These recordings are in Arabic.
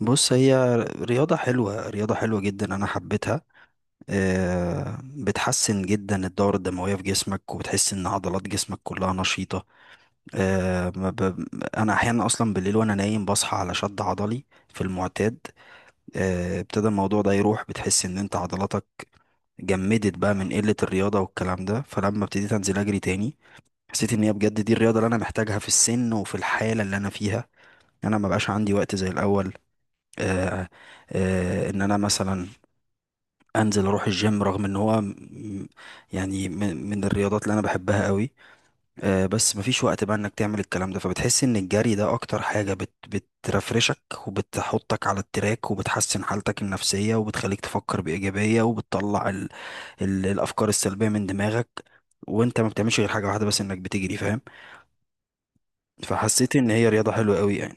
بص هي رياضة حلوة رياضة حلوة جدا، أنا حبيتها. بتحسن جدا الدورة الدموية في جسمك وبتحس إن عضلات جسمك كلها نشيطة. آه، ما ب- أنا أحيانا أصلا بالليل وأنا نايم بصحى على شد عضلي في المعتاد. ابتدى الموضوع ده يروح، بتحس إن أنت عضلاتك جمدت بقى من قلة الرياضة والكلام ده، فلما ابتديت أنزل أجري تاني حسيت إن هي بجد دي الرياضة اللي أنا محتاجها في السن وفي الحالة اللي أنا فيها. أنا ما بقاش عندي وقت زي الأول. آه، ان انا مثلا انزل اروح الجيم، رغم ان هو يعني من الرياضات اللي انا بحبها قوي. بس مفيش وقت بقى انك تعمل الكلام ده، فبتحس ان الجري ده اكتر حاجة بترفرشك وبتحطك على التراك، وبتحسن حالتك النفسية وبتخليك تفكر بإيجابية، وبتطلع ال ال الافكار السلبية من دماغك، وانت ما بتعملش غير حاجة واحدة بس، انك بتجري، فاهم؟ فحسيت ان هي رياضة حلوة قوي يعني.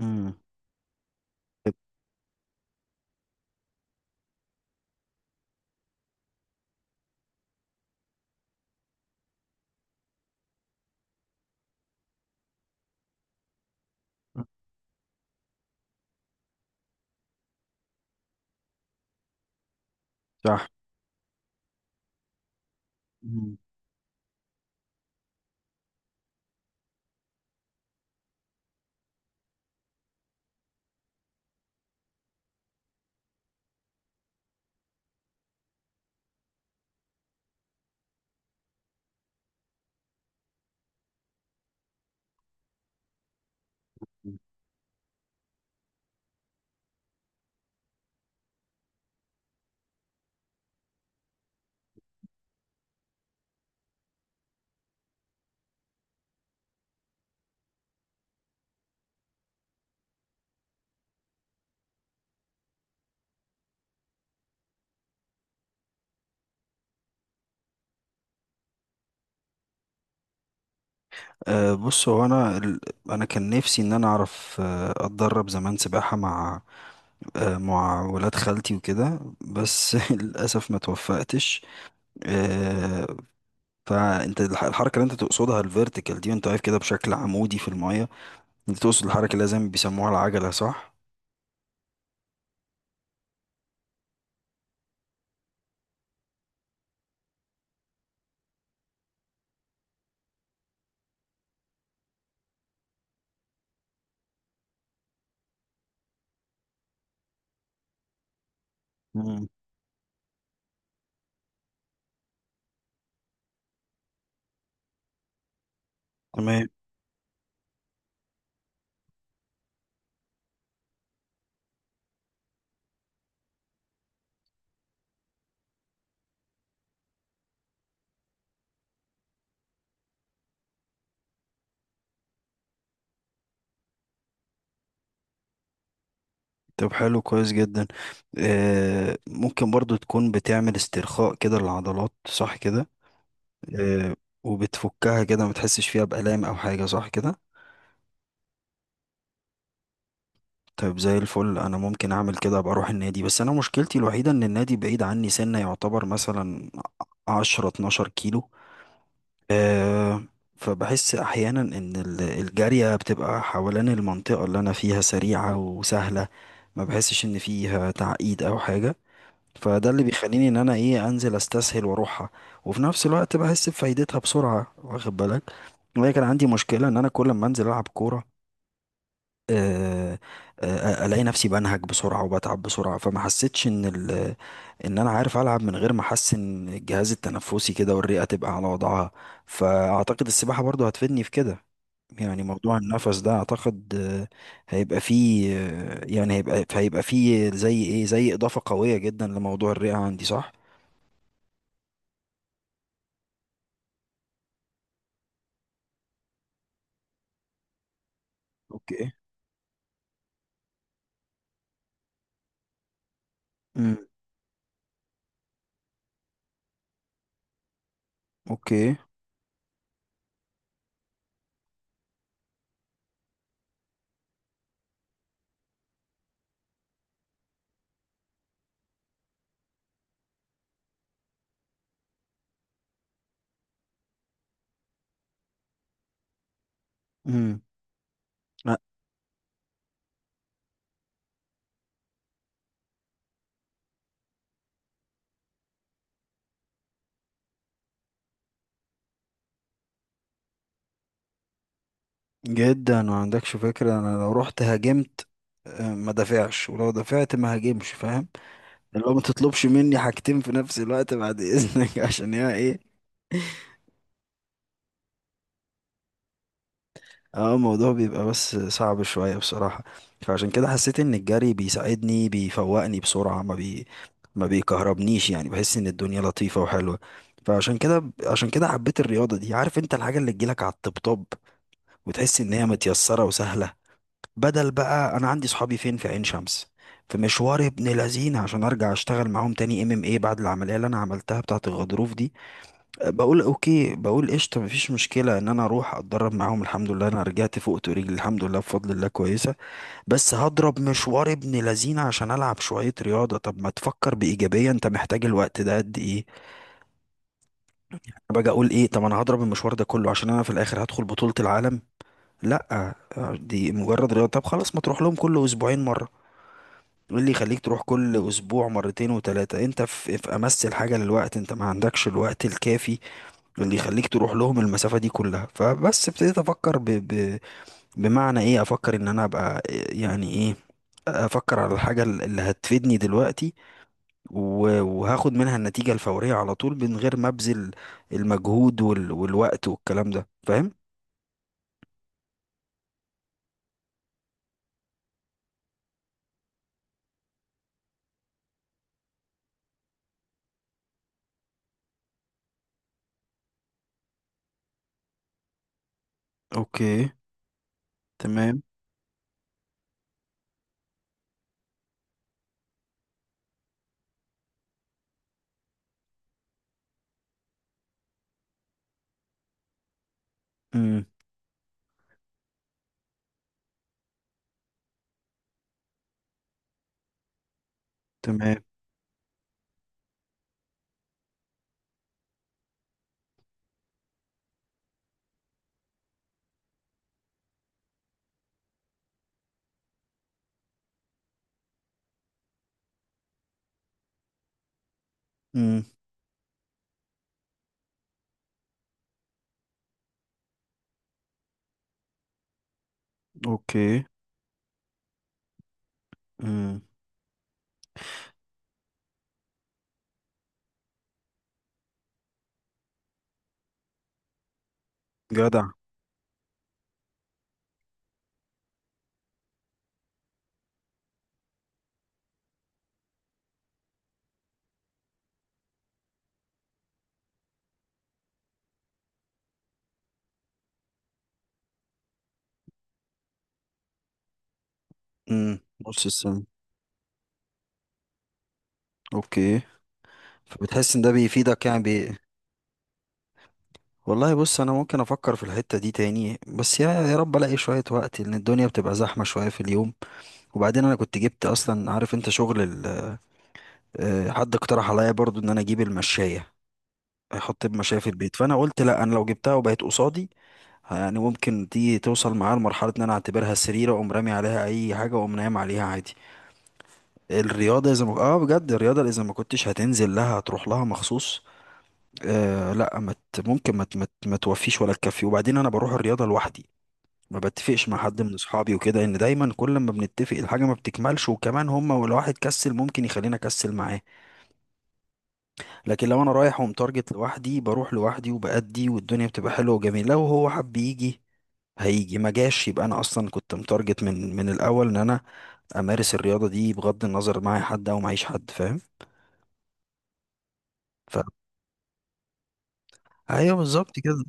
امم. صح. مم. أه، بص هو انا انا كان نفسي ان انا اعرف، اتدرب زمان سباحه مع، مع ولاد خالتي وكده، بس للاسف ما توفقتش. أه. فانت الحركه اللي انت تقصدها، الفيرتيكال دي، وانت واقف كده بشكل عمودي في المايه، انت تقصد الحركه اللي لازم بيسموها العجله، صح؟ مم. تمام. طب حلو، كويس جدا. آه، ممكن برضو تكون بتعمل استرخاء كده للعضلات، صح كده؟ آه. وبتفكها كده ما تحسش فيها بآلام او حاجة، صح كده؟ طيب زي الفل. انا ممكن اعمل كده، ابقى اروح النادي، بس انا مشكلتي الوحيده ان النادي بعيد عني سنه، يعتبر مثلا 10 12 كيلو. أه. فبحس احيانا ان الجاريه بتبقى حوالين المنطقه اللي انا فيها سريعه وسهله، ما بحسش ان فيها تعقيد او حاجه، فده اللي بيخليني ان انا ايه، انزل استسهل واروحها. وفي نفس الوقت بحس بفايدتها بسرعه، واخد بالك؟ وهي كان عندي مشكله ان انا كل ما انزل العب كوره، آه، الاقي نفسي بنهج بسرعه وبتعب بسرعه، فما حسيتش ان ال... ان انا عارف العب من غير ما احس ان الجهاز التنفسي كده والرئه تبقى على وضعها. فاعتقد السباحه برضو هتفيدني في كده. يعني موضوع النفس ده اعتقد، هيبقى فيه، يعني هيبقى فيه زي ايه، زي اضافه قويه جدا لموضوع الرئه عندي، صح؟ اوكي. امم. اوكي. امم. جدا، ما عندكش فكرة، انا لو رحت هاجمت، ما دافعش، ولو دافعت ما هاجمش، فاهم؟ اللي هو ما تطلبش مني حاجتين في نفس الوقت بعد اذنك عشان هي ايه. اه، الموضوع بيبقى بس صعب شوية بصراحة. فعشان كده حسيت ان الجري بيساعدني، بيفوقني بسرعة، ما بيكهربنيش، يعني بحس ان الدنيا لطيفة وحلوة. فعشان كده حبيت الرياضة دي. عارف انت الحاجة اللي تجيلك على الطبطب وتحس ان هي متيسرة وسهلة. بدل بقى انا عندي صحابي فين في عين شمس، في مشوار ابن لذين، عشان ارجع اشتغل معاهم تاني، ام ام ايه، بعد العمليه اللي انا عملتها بتاعه الغضروف دي. أه، بقول اوكي، بقول قشطه، مفيش مشكله ان انا اروح اتدرب معاهم، الحمد لله انا رجعت فوقت ورجلي الحمد لله بفضل الله كويسه، بس هضرب مشوار ابن لذين عشان العب شويه رياضه. طب ما تفكر بايجابيه، انت محتاج الوقت ده قد ايه؟ أنا باجي اقول ايه، طب انا هضرب المشوار ده كله عشان انا في الاخر هدخل بطوله العالم؟ لا، أه، دي مجرد رياضه. طب خلاص، ما تروح لهم كل اسبوعين مره، ايه اللي يخليك تروح كل اسبوع مرتين وتلاتة؟ انت في امس الحاجة للوقت، انت ما عندكش الوقت الكافي اللي يخليك تروح لهم المسافة دي كلها. فبس ابتديت افكر ب... ب... بمعنى ايه، افكر ان انا ابقى، يعني ايه، افكر على الحاجة اللي هتفيدني دلوقتي وهاخد منها النتيجة الفورية على طول، من غير ما ابذل المجهود وال... والوقت والكلام ده، فاهم؟ اوكي. تمام. امم. تمام. امم. اوكي. امم. جدع. امم. نص السنة. اوكي. فبتحس ان ده بيفيدك، يعني بي... والله بص، انا ممكن افكر في الحتة دي تاني، بس يا رب الاقي شوية وقت، لان الدنيا بتبقى زحمة شوية في اليوم. وبعدين انا كنت جبت اصلا، عارف انت شغل ال... حد اقترح عليا برضو ان انا اجيب المشاية، احط المشاية في البيت، فانا قلت لا، انا لو جبتها وبقت قصادي، يعني ممكن دي توصل معايا لمرحلة ان انا اعتبرها سرير، اقوم رامي عليها اي حاجة واقوم نايم عليها عادي. الرياضة اذا ما، اه بجد الرياضة اذا ما كنتش هتنزل لها هتروح لها مخصوص. آه لا، ما ت- ممكن ما توفيش ولا تكفي. وبعدين انا بروح الرياضه لوحدي، ما بتفقش مع حد من اصحابي وكده، ان دايما كل ما بنتفق الحاجه ما بتكملش، وكمان هما ولو واحد كسل ممكن يخلينا اكسل معاه. لكن لو انا رايح ومتارجت لوحدي، بروح لوحدي وبأدي والدنيا بتبقى حلوه وجميله. لو هو حب يجي هيجي، ما جاش يبقى انا اصلا كنت متارجت من الاول ان انا امارس الرياضه دي بغض النظر معايا حد او معيش حد، فاهم؟ ف، ايوه بالظبط كده.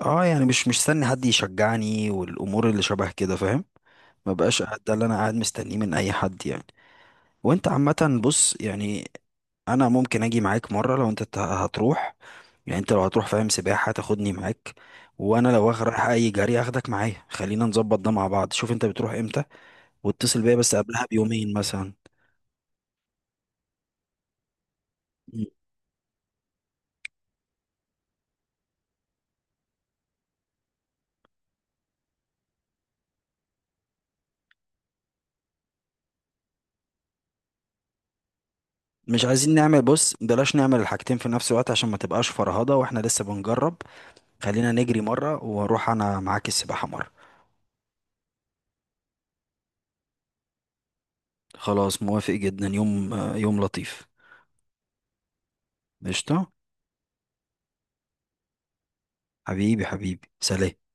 اه، يعني مش مستني حد يشجعني والامور اللي شبه كده، فاهم؟ ما بقاش ده اللي انا قاعد مستنيه من اي حد يعني. وانت عامه. بص يعني، انا ممكن اجي معاك مره لو انت هتروح، يعني انت لو هتروح، فاهم، سباحه تاخدني معاك، وانا لو رايح اي جري اخدك معايا. خلينا نظبط ده مع بعض، شوف انت بتروح امتى واتصل بيا بس قبلها بيومين مثلا. مم. مش عايزين نعمل، بص بلاش نعمل الحاجتين في نفس الوقت عشان ما تبقاش فرهضه واحنا لسه بنجرب. خلينا نجري مره واروح انا معاك السباحه مره. خلاص موافق جدا، يوم يوم لطيف. قشطة. حبيبي حبيبي سلام.